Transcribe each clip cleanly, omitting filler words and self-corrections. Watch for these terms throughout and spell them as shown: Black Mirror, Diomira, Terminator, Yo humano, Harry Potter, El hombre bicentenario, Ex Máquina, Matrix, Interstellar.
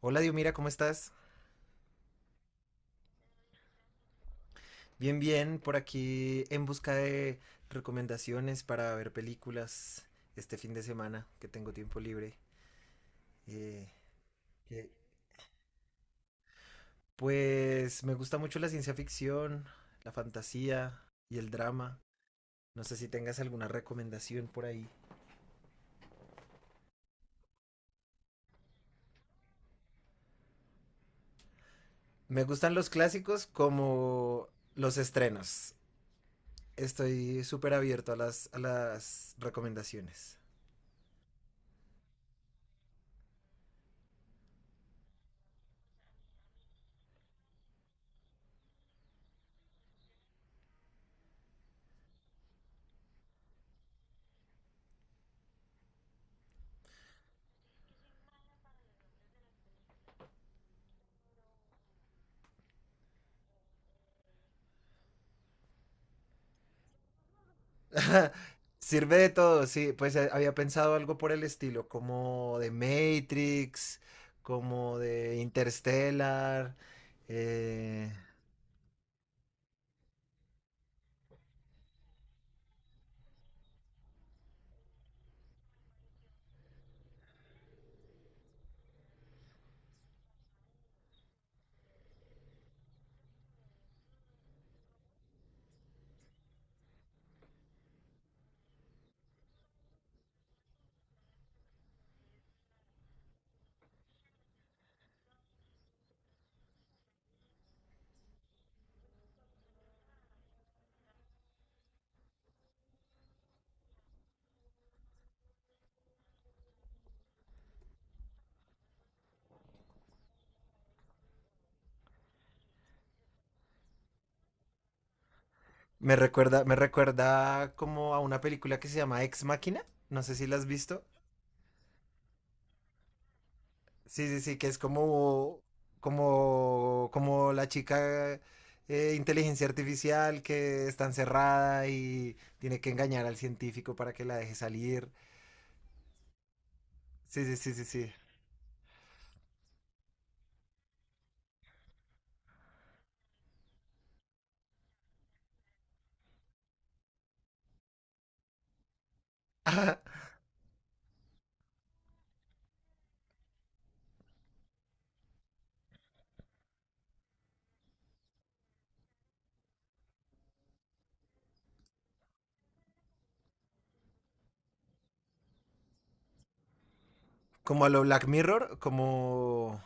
Hola Diomira, ¿cómo estás? Bien, por aquí en busca de recomendaciones para ver películas este fin de semana que tengo tiempo libre. Eh, que, pues me gusta mucho la ciencia ficción, la fantasía y el drama. No sé si tengas alguna recomendación por ahí. Me gustan los clásicos como los estrenos. Estoy súper abierto a a las recomendaciones. Sirve de todo, sí. Pues había pensado algo por el estilo, como de Matrix, como de Interstellar. eh, me recuerda como a una película que se llama Ex Máquina. No sé si la has visto. Sí, sí, sí, que es como la chica inteligencia artificial que está encerrada y tiene que engañar al científico para que la deje salir. Sí, sí, sí, sí, sí. Como a lo Black Mirror, como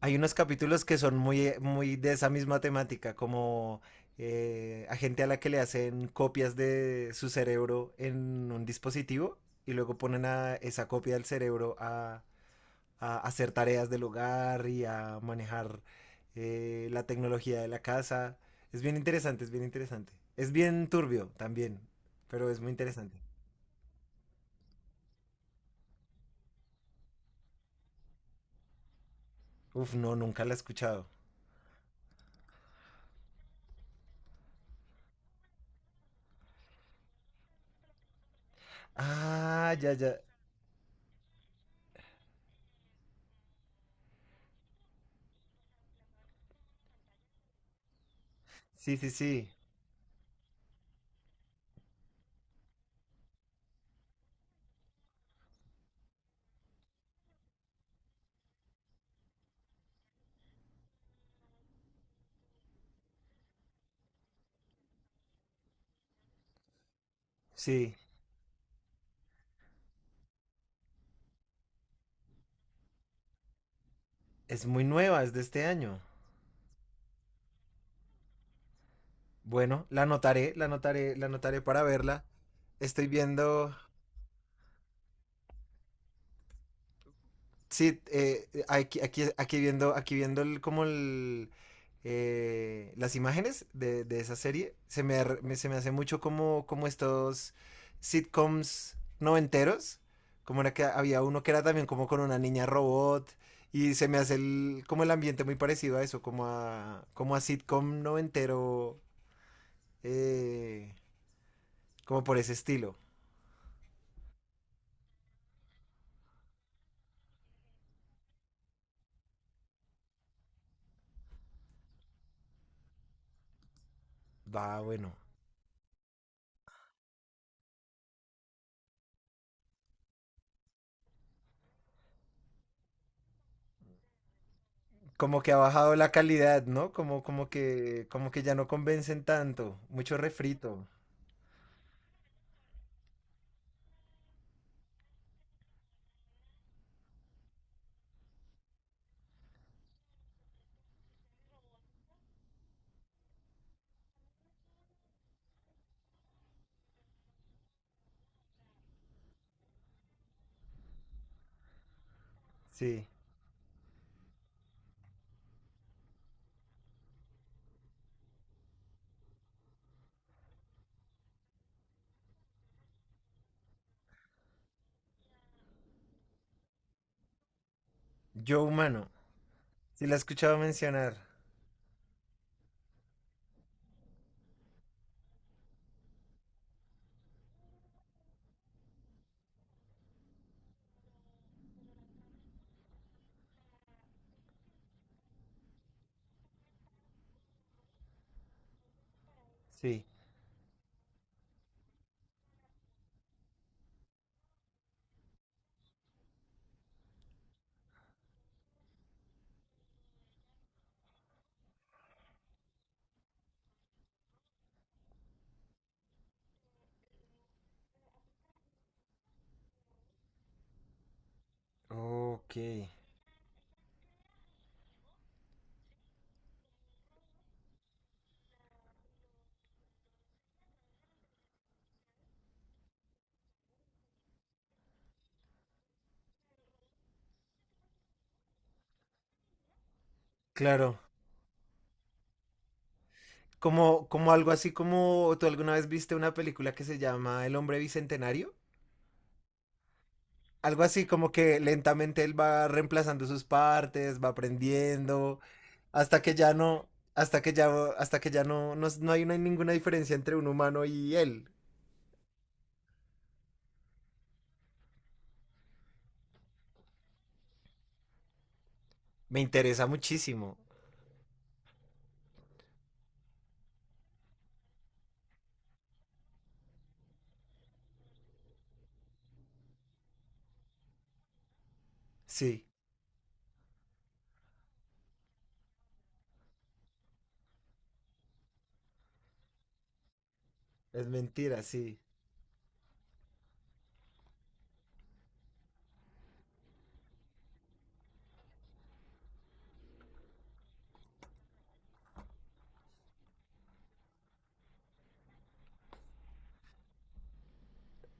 hay unos capítulos que son muy de esa misma temática, como a gente a la que le hacen copias de su cerebro en un dispositivo y luego ponen a esa copia del a hacer tareas del hogar y a manejar la tecnología de la casa. Es bien interesante, es bien interesante. Es bien turbio también, pero es muy interesante. Uf, no, nunca la he escuchado. Ah, ya, ya. Sí, sí, sí. Sí, es muy nueva, es de este año. Bueno, la anotaré para verla. Estoy viendo, sí, aquí viendo las imágenes de esa serie. Se me, se me hace mucho como, como estos sitcoms noventeros. Como era que había uno que era también como con una niña robot. Y se me hace el, como el ambiente muy parecido a eso, como a, como a sitcom noventero, eh, como por ese estilo. Va, bueno. Como que ha bajado la calidad, ¿no? Como que ya no convencen tanto. Mucho refrito. Sí. Yo humano. Sí la he escuchado mencionar. Sí. Ok. Claro. Como, como algo así como tú alguna vez viste una película que se llama El Hombre Bicentenario. Algo así como que lentamente él va reemplazando sus partes, va aprendiendo, hasta que ya no, hasta que ya, hasta que ya no, no, no hay ninguna diferencia entre un humano y él. Me interesa muchísimo. Sí, es mentira, sí.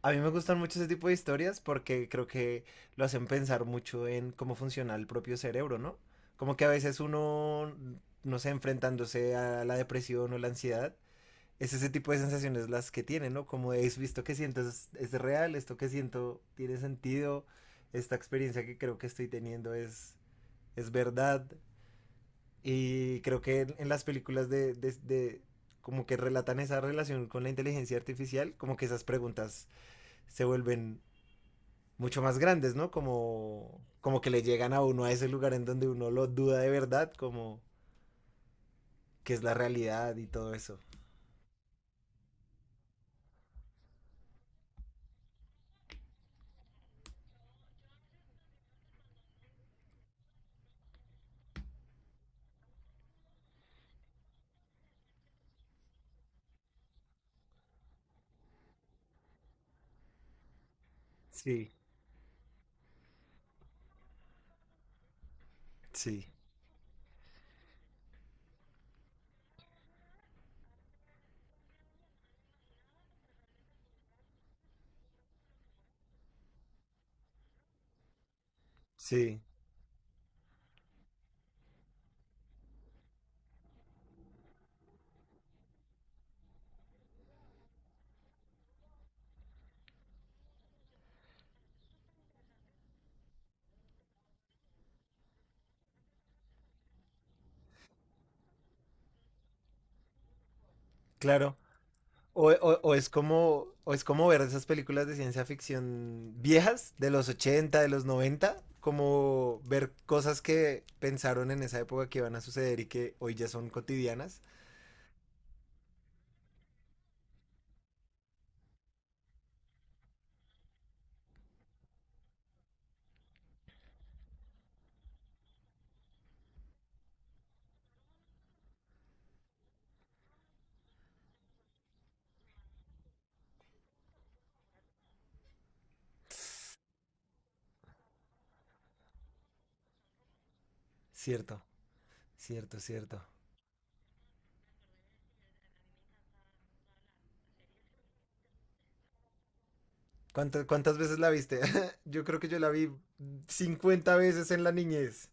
A mí me gustan mucho ese tipo de historias porque creo que lo hacen pensar mucho en cómo funciona el propio cerebro, ¿no? Como que a veces uno, no sé, enfrentándose a la depresión o la ansiedad, es ese tipo de sensaciones las que tiene, ¿no? Como es visto que siento es real, esto que siento tiene sentido, esta experiencia que creo que estoy teniendo es verdad. Y creo que en las películas como que relatan esa relación con la inteligencia artificial, como que esas preguntas se vuelven mucho más grandes, ¿no? Como, como que le llegan a uno a ese lugar en donde uno lo duda de verdad, como qué es la realidad y todo eso. Sí, sí, sí, claro. O es como ver esas películas de ciencia ficción viejas, de los 80 de los noventa, como ver cosas que pensaron en esa época que iban a suceder y que hoy ya son cotidianas. Cierto, cierto, cierto. Cuántas veces la viste? Yo creo que yo la vi 50 veces en la niñez.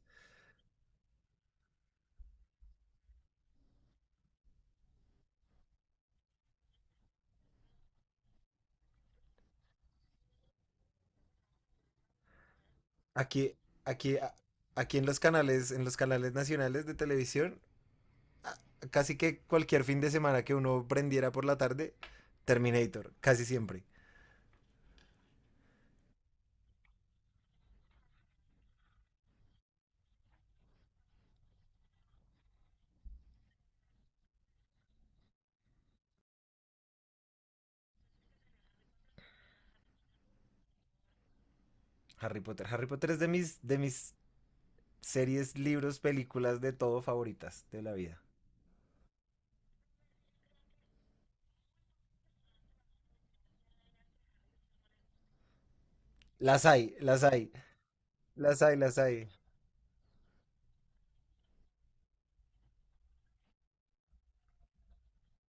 Aquí, aquí, a- aquí en los en los canales nacionales de televisión, a- casi que cualquier fin de semana que uno prendiera por la tarde, Terminator, casi siempre. Harry Potter. Harry Potter es de de mis series, libros, películas, de todo favoritas de la vida. Las hay, las hay, las hay, las hay.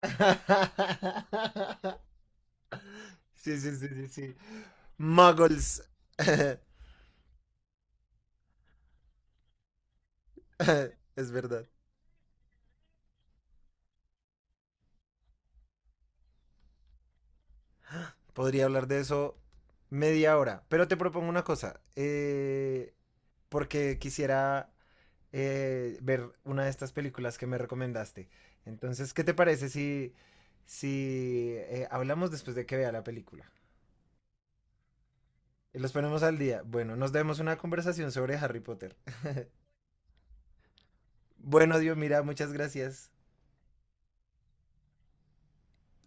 Sí, sí, sí, sí, sí. Muggles. Es verdad. Podría hablar de eso 1/2 hora. Pero te propongo una cosa. Porque quisiera ver una de estas películas que me recomendaste. Entonces, ¿qué te parece si hablamos después de que vea la película? Y los ponemos al día. Bueno, nos demos una conversación sobre Harry Potter. Bueno, Dios, mira, muchas gracias.